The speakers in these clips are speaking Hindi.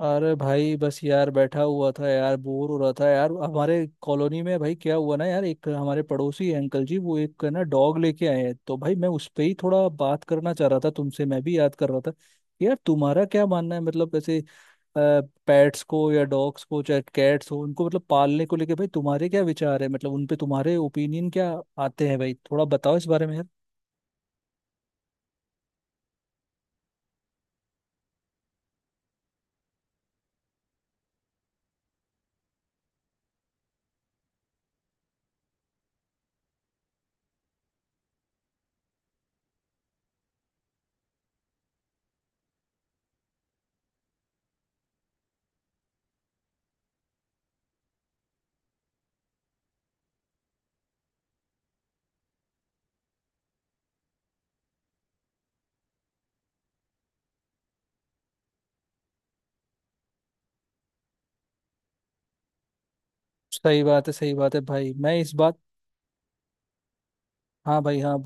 अरे भाई बस यार बैठा हुआ था यार। बोर हो रहा था यार। हमारे कॉलोनी में भाई क्या हुआ ना यार, एक हमारे पड़ोसी हैं अंकल जी, वो एक ना डॉग लेके आए हैं। तो भाई मैं उस पे ही थोड़ा बात करना चाह रहा था तुमसे। मैं भी याद कर रहा था यार। तुम्हारा क्या मानना है मतलब ऐसे पेट्स को या डॉग्स को चाहे कैट्स हो उनको मतलब पालने को लेके भाई तुम्हारे क्या विचार है? मतलब उन पे तुम्हारे ओपिनियन क्या आते हैं भाई? थोड़ा बताओ इस बारे में यार। सही बात है, सही बात है भाई, मैं इस बात। हाँ भाई, हाँ।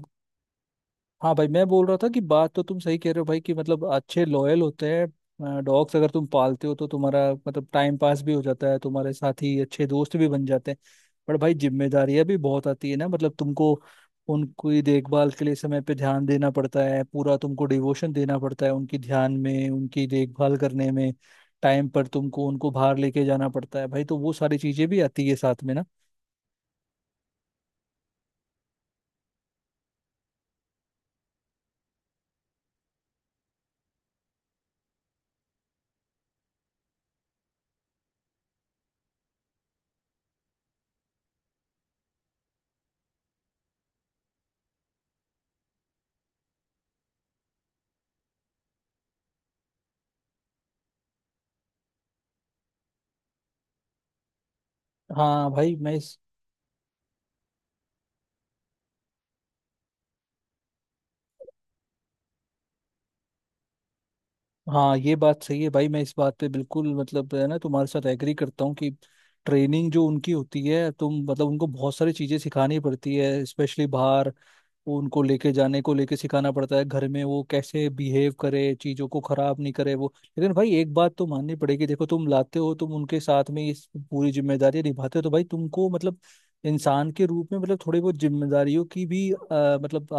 हाँ भाई मैं बोल रहा था कि बात तो तुम सही कह रहे हो भाई कि मतलब अच्छे लॉयल होते हैं डॉग्स, अगर तुम पालते हो तो तुम्हारा मतलब टाइम पास भी हो जाता है, तुम्हारे साथ ही अच्छे दोस्त भी बन जाते हैं। पर भाई जिम्मेदारियां भी बहुत आती है ना मतलब तुमको। उनकी देखभाल के लिए समय पे ध्यान देना पड़ता है, पूरा तुमको डिवोशन देना पड़ता है उनकी ध्यान में, उनकी देखभाल करने में। टाइम पर तुमको उनको बाहर लेके जाना पड़ता है भाई, तो वो सारी चीजें भी आती है साथ में ना। हाँ भाई मैं इस। हाँ, ये बात सही है भाई, मैं इस बात पे बिल्कुल मतलब है ना तुम्हारे साथ एग्री करता हूँ कि ट्रेनिंग जो उनकी होती है तुम मतलब उनको बहुत सारी चीजें सिखानी पड़ती है स्पेशली बाहर। वो उनको लेके जाने को लेके सिखाना पड़ता है, घर में वो कैसे बिहेव करे, चीजों को खराब नहीं करे वो। लेकिन भाई एक बात तो माननी पड़ेगी, देखो तुम लाते हो, तुम उनके साथ में इस पूरी जिम्मेदारी निभाते हो तो भाई तुमको मतलब इंसान के रूप में मतलब थोड़ी बहुत जिम्मेदारियों की भी मतलब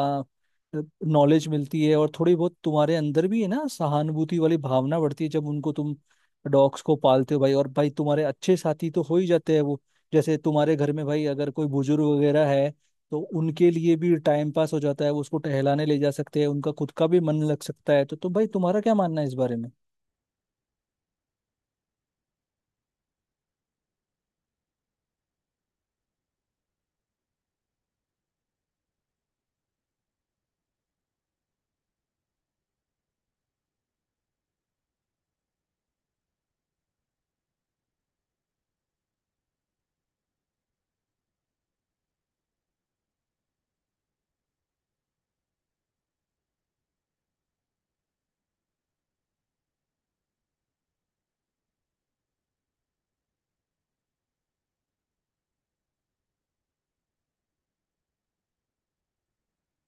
नॉलेज मिलती है, और थोड़ी बहुत तुम्हारे अंदर भी है ना सहानुभूति वाली भावना बढ़ती है जब उनको तुम डॉग्स को पालते हो भाई। और भाई तुम्हारे अच्छे साथी तो हो ही जाते हैं वो। जैसे तुम्हारे घर में भाई अगर कोई बुजुर्ग वगैरह है तो उनके लिए भी टाइम पास हो जाता है, वो उसको टहलाने ले जा सकते हैं, उनका खुद का भी मन लग सकता है। तो भाई तुम्हारा क्या मानना है इस बारे में?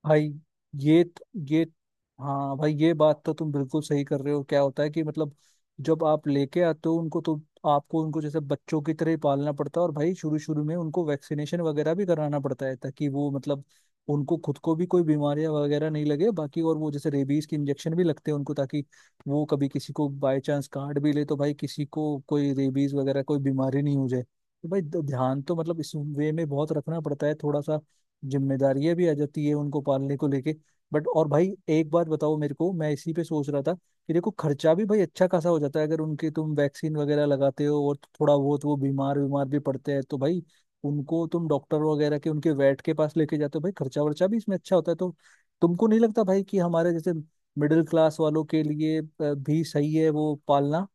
भाई ये ये। हाँ भाई, ये बात तो तुम बिल्कुल सही कर रहे हो। क्या होता है कि मतलब जब आप लेके आते हो उनको तो आपको उनको जैसे बच्चों की तरह ही पालना पड़ता है, और भाई शुरू शुरू में उनको वैक्सीनेशन वगैरह भी कराना पड़ता है ताकि वो मतलब उनको खुद को भी कोई बीमारियां वगैरह नहीं लगे, बाकी। और वो जैसे रेबीज के इंजेक्शन भी लगते हैं उनको ताकि वो कभी किसी को बाय चांस काट भी ले तो भाई किसी को कोई रेबीज वगैरह कोई बीमारी नहीं हो जाए। तो भाई ध्यान तो मतलब इस वे में बहुत रखना पड़ता है थोड़ा सा। जिम्मेदारियां भी आ जाती है उनको पालने को लेके। बट और भाई एक बात बताओ मेरे को, मैं इसी पे सोच रहा था कि देखो खर्चा भी भाई अच्छा खासा हो जाता है अगर उनके तुम वैक्सीन वगैरह लगाते हो, और थोड़ा बहुत वो बीमार बीमार भी पड़ते हैं तो भाई उनको तुम डॉक्टर वगैरह के, उनके वेट के पास लेके जाते हो भाई, खर्चा वर्चा भी इसमें अच्छा होता है। तो तुमको नहीं लगता भाई कि हमारे जैसे मिडिल क्लास वालों के लिए भी सही है वो पालना?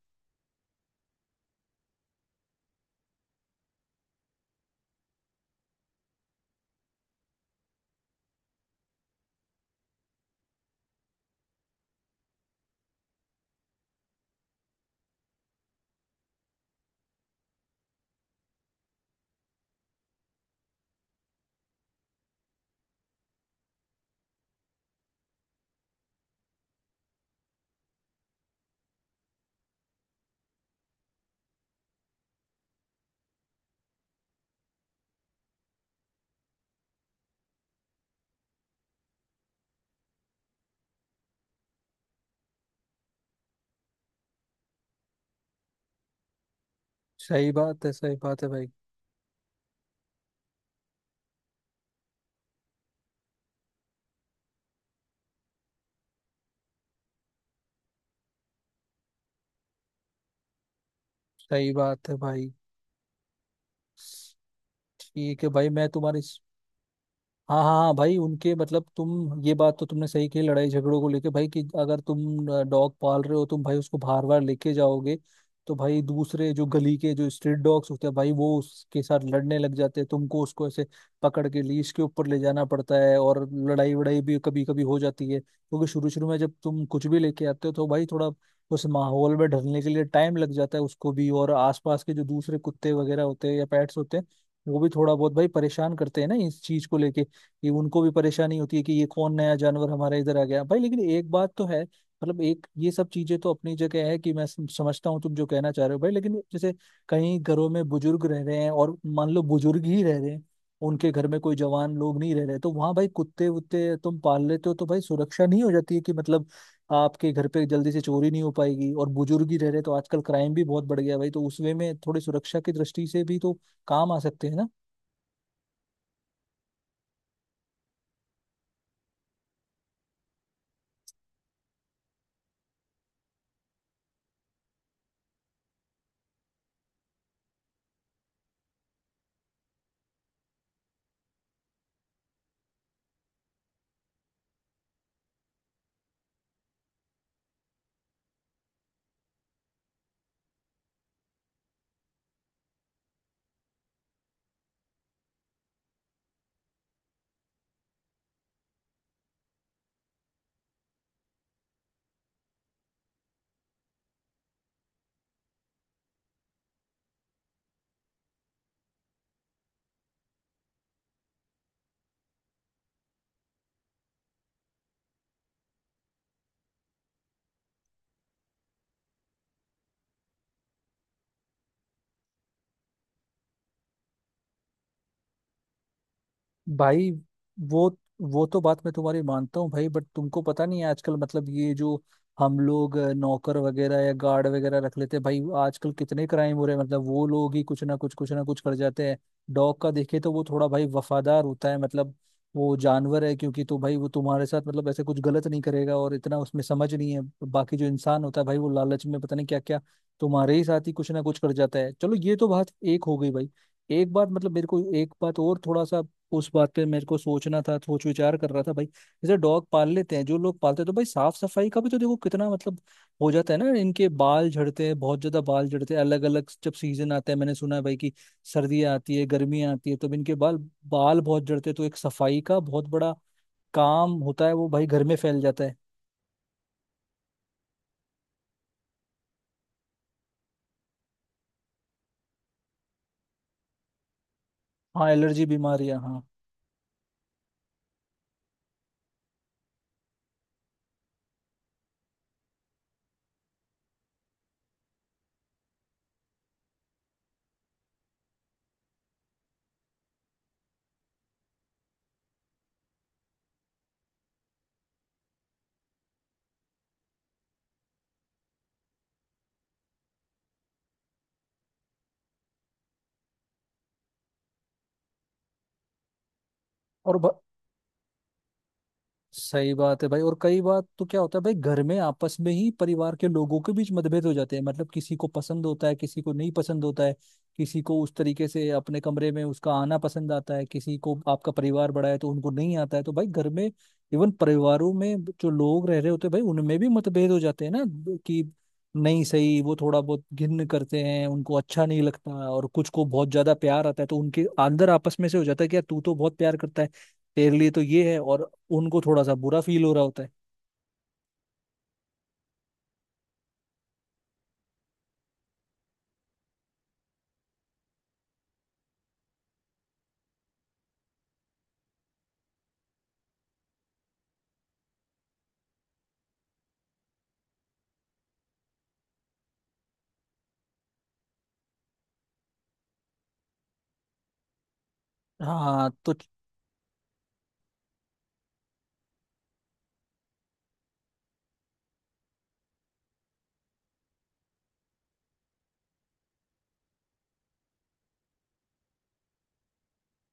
सही बात है, सही बात है भाई। सही बात है भाई। ठीक है भाई, मैं तुम्हारी इस। हाँ हाँ हाँ भाई, उनके मतलब तुम ये बात तो तुमने सही कही, लड़ाई झगड़ों को लेके भाई, कि अगर तुम डॉग पाल रहे हो तुम भाई उसको बार बार लेके जाओगे तो भाई दूसरे जो गली के जो स्ट्रीट डॉग्स होते हैं भाई वो उसके साथ लड़ने लग जाते हैं, तुमको उसको ऐसे पकड़ के लीश के ऊपर ले जाना पड़ता है, और लड़ाई वड़ाई भी कभी कभी हो जाती है क्योंकि शुरू शुरू में जब तुम कुछ भी लेके आते हो तो भाई थोड़ा उस माहौल में ढलने के लिए टाइम लग जाता है उसको भी, और आसपास के जो दूसरे कुत्ते वगैरह होते हैं या पेट्स होते हैं वो भी थोड़ा बहुत भाई परेशान करते हैं ना इस चीज को लेके। ये उनको भी परेशानी होती है कि ये कौन नया जानवर हमारे इधर आ गया भाई। लेकिन एक बात तो है मतलब, एक ये सब चीजें तो अपनी जगह है कि मैं समझता हूँ तुम जो कहना चाह रहे हो भाई, लेकिन जैसे कहीं घरों में बुजुर्ग रह रहे हैं, और मान लो बुजुर्ग ही रह रहे हैं, उनके घर में कोई जवान लोग नहीं रह रहे, तो वहां भाई कुत्ते वुत्ते तुम पाल लेते हो तो भाई सुरक्षा नहीं हो जाती है कि मतलब आपके घर पे जल्दी से चोरी नहीं हो पाएगी, और बुजुर्ग ही रह रहे तो आजकल क्राइम भी बहुत बढ़ गया है भाई, तो उस वे में थोड़ी सुरक्षा की दृष्टि से भी तो काम आ सकते हैं ना। भाई वो वो तो बात मैं तुम्हारी मानता हूँ भाई बट तुमको पता नहीं है आजकल मतलब ये जो हम लोग नौकर वगैरह या गार्ड वगैरह रख लेते हैं भाई, आजकल कितने क्राइम हो रहे हैं, मतलब वो लोग ही कुछ ना कुछ कर जाते हैं। डॉग का देखे तो वो थोड़ा भाई वफादार होता है मतलब, वो जानवर है क्योंकि, तो भाई वो तुम्हारे साथ मतलब ऐसे कुछ गलत नहीं करेगा और इतना उसमें समझ नहीं है। बाकी जो इंसान होता है भाई वो लालच में पता नहीं क्या क्या तुम्हारे ही साथ ही कुछ ना कुछ कर जाता है। चलो ये तो बात एक हो गई भाई। एक बात मतलब मेरे को, एक बात और थोड़ा सा उस बात पे मेरे को सोचना था, सोच विचार कर रहा था भाई, जैसे डॉग पाल लेते हैं जो लोग पालते हैं तो भाई साफ सफाई का भी तो देखो कितना मतलब हो जाता है ना, इनके बाल झड़ते हैं, बहुत ज्यादा बाल झड़ते हैं अलग अलग जब सीजन आता है, मैंने सुना है भाई कि सर्दियाँ आती है गर्मियाँ आती है तब इनके बाल बाल बहुत झड़ते हैं, तो एक सफाई का बहुत बड़ा काम होता है वो भाई, घर में फैल जाता है। हाँ एलर्जी बीमारियां, हाँ। और ब- सही बात है भाई, और कई बार तो क्या होता है भाई, घर में आपस में ही परिवार के लोगों के बीच मतभेद हो जाते हैं मतलब, किसी को पसंद होता है किसी को नहीं पसंद होता है, किसी को उस तरीके से अपने कमरे में उसका आना पसंद आता है, किसी को, आपका परिवार बड़ा है तो उनको नहीं आता है, तो भाई घर में इवन परिवारों में जो लोग रह रहे होते हैं भाई उनमें भी मतभेद हो जाते हैं ना, कि नहीं सही, वो थोड़ा बहुत घिन करते हैं, उनको अच्छा नहीं लगता, और कुछ को बहुत ज्यादा प्यार आता है, तो उनके अंदर आपस में से हो जाता है कि यार तू तो बहुत प्यार करता है, तेरे लिए तो ये है, और उनको थोड़ा सा बुरा फील हो रहा होता है। हाँ, तो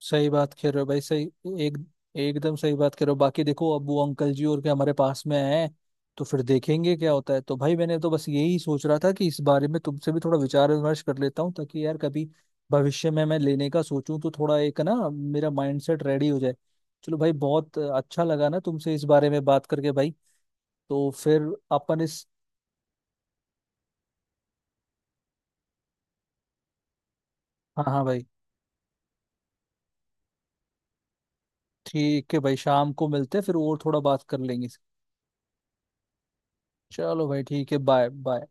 सही बात कह रहे हो भाई, सही। एक, एकदम सही बात कह रहे हो। बाकी देखो अब वो अंकल जी और क्या हमारे पास में आए हैं, तो फिर देखेंगे क्या होता है। तो भाई मैंने तो बस यही सोच रहा था कि इस बारे में तुमसे भी थोड़ा विचार विमर्श कर लेता हूँ ताकि यार कभी भविष्य में मैं लेने का सोचूं तो थोड़ा एक ना मेरा माइंडसेट रेडी हो जाए। चलो भाई बहुत अच्छा लगा ना तुमसे इस बारे में बात करके भाई। तो फिर अपन इस। हाँ हाँ भाई। ठीक है भाई, शाम को मिलते हैं फिर और थोड़ा बात कर लेंगे। चलो भाई ठीक है, बाय बाय।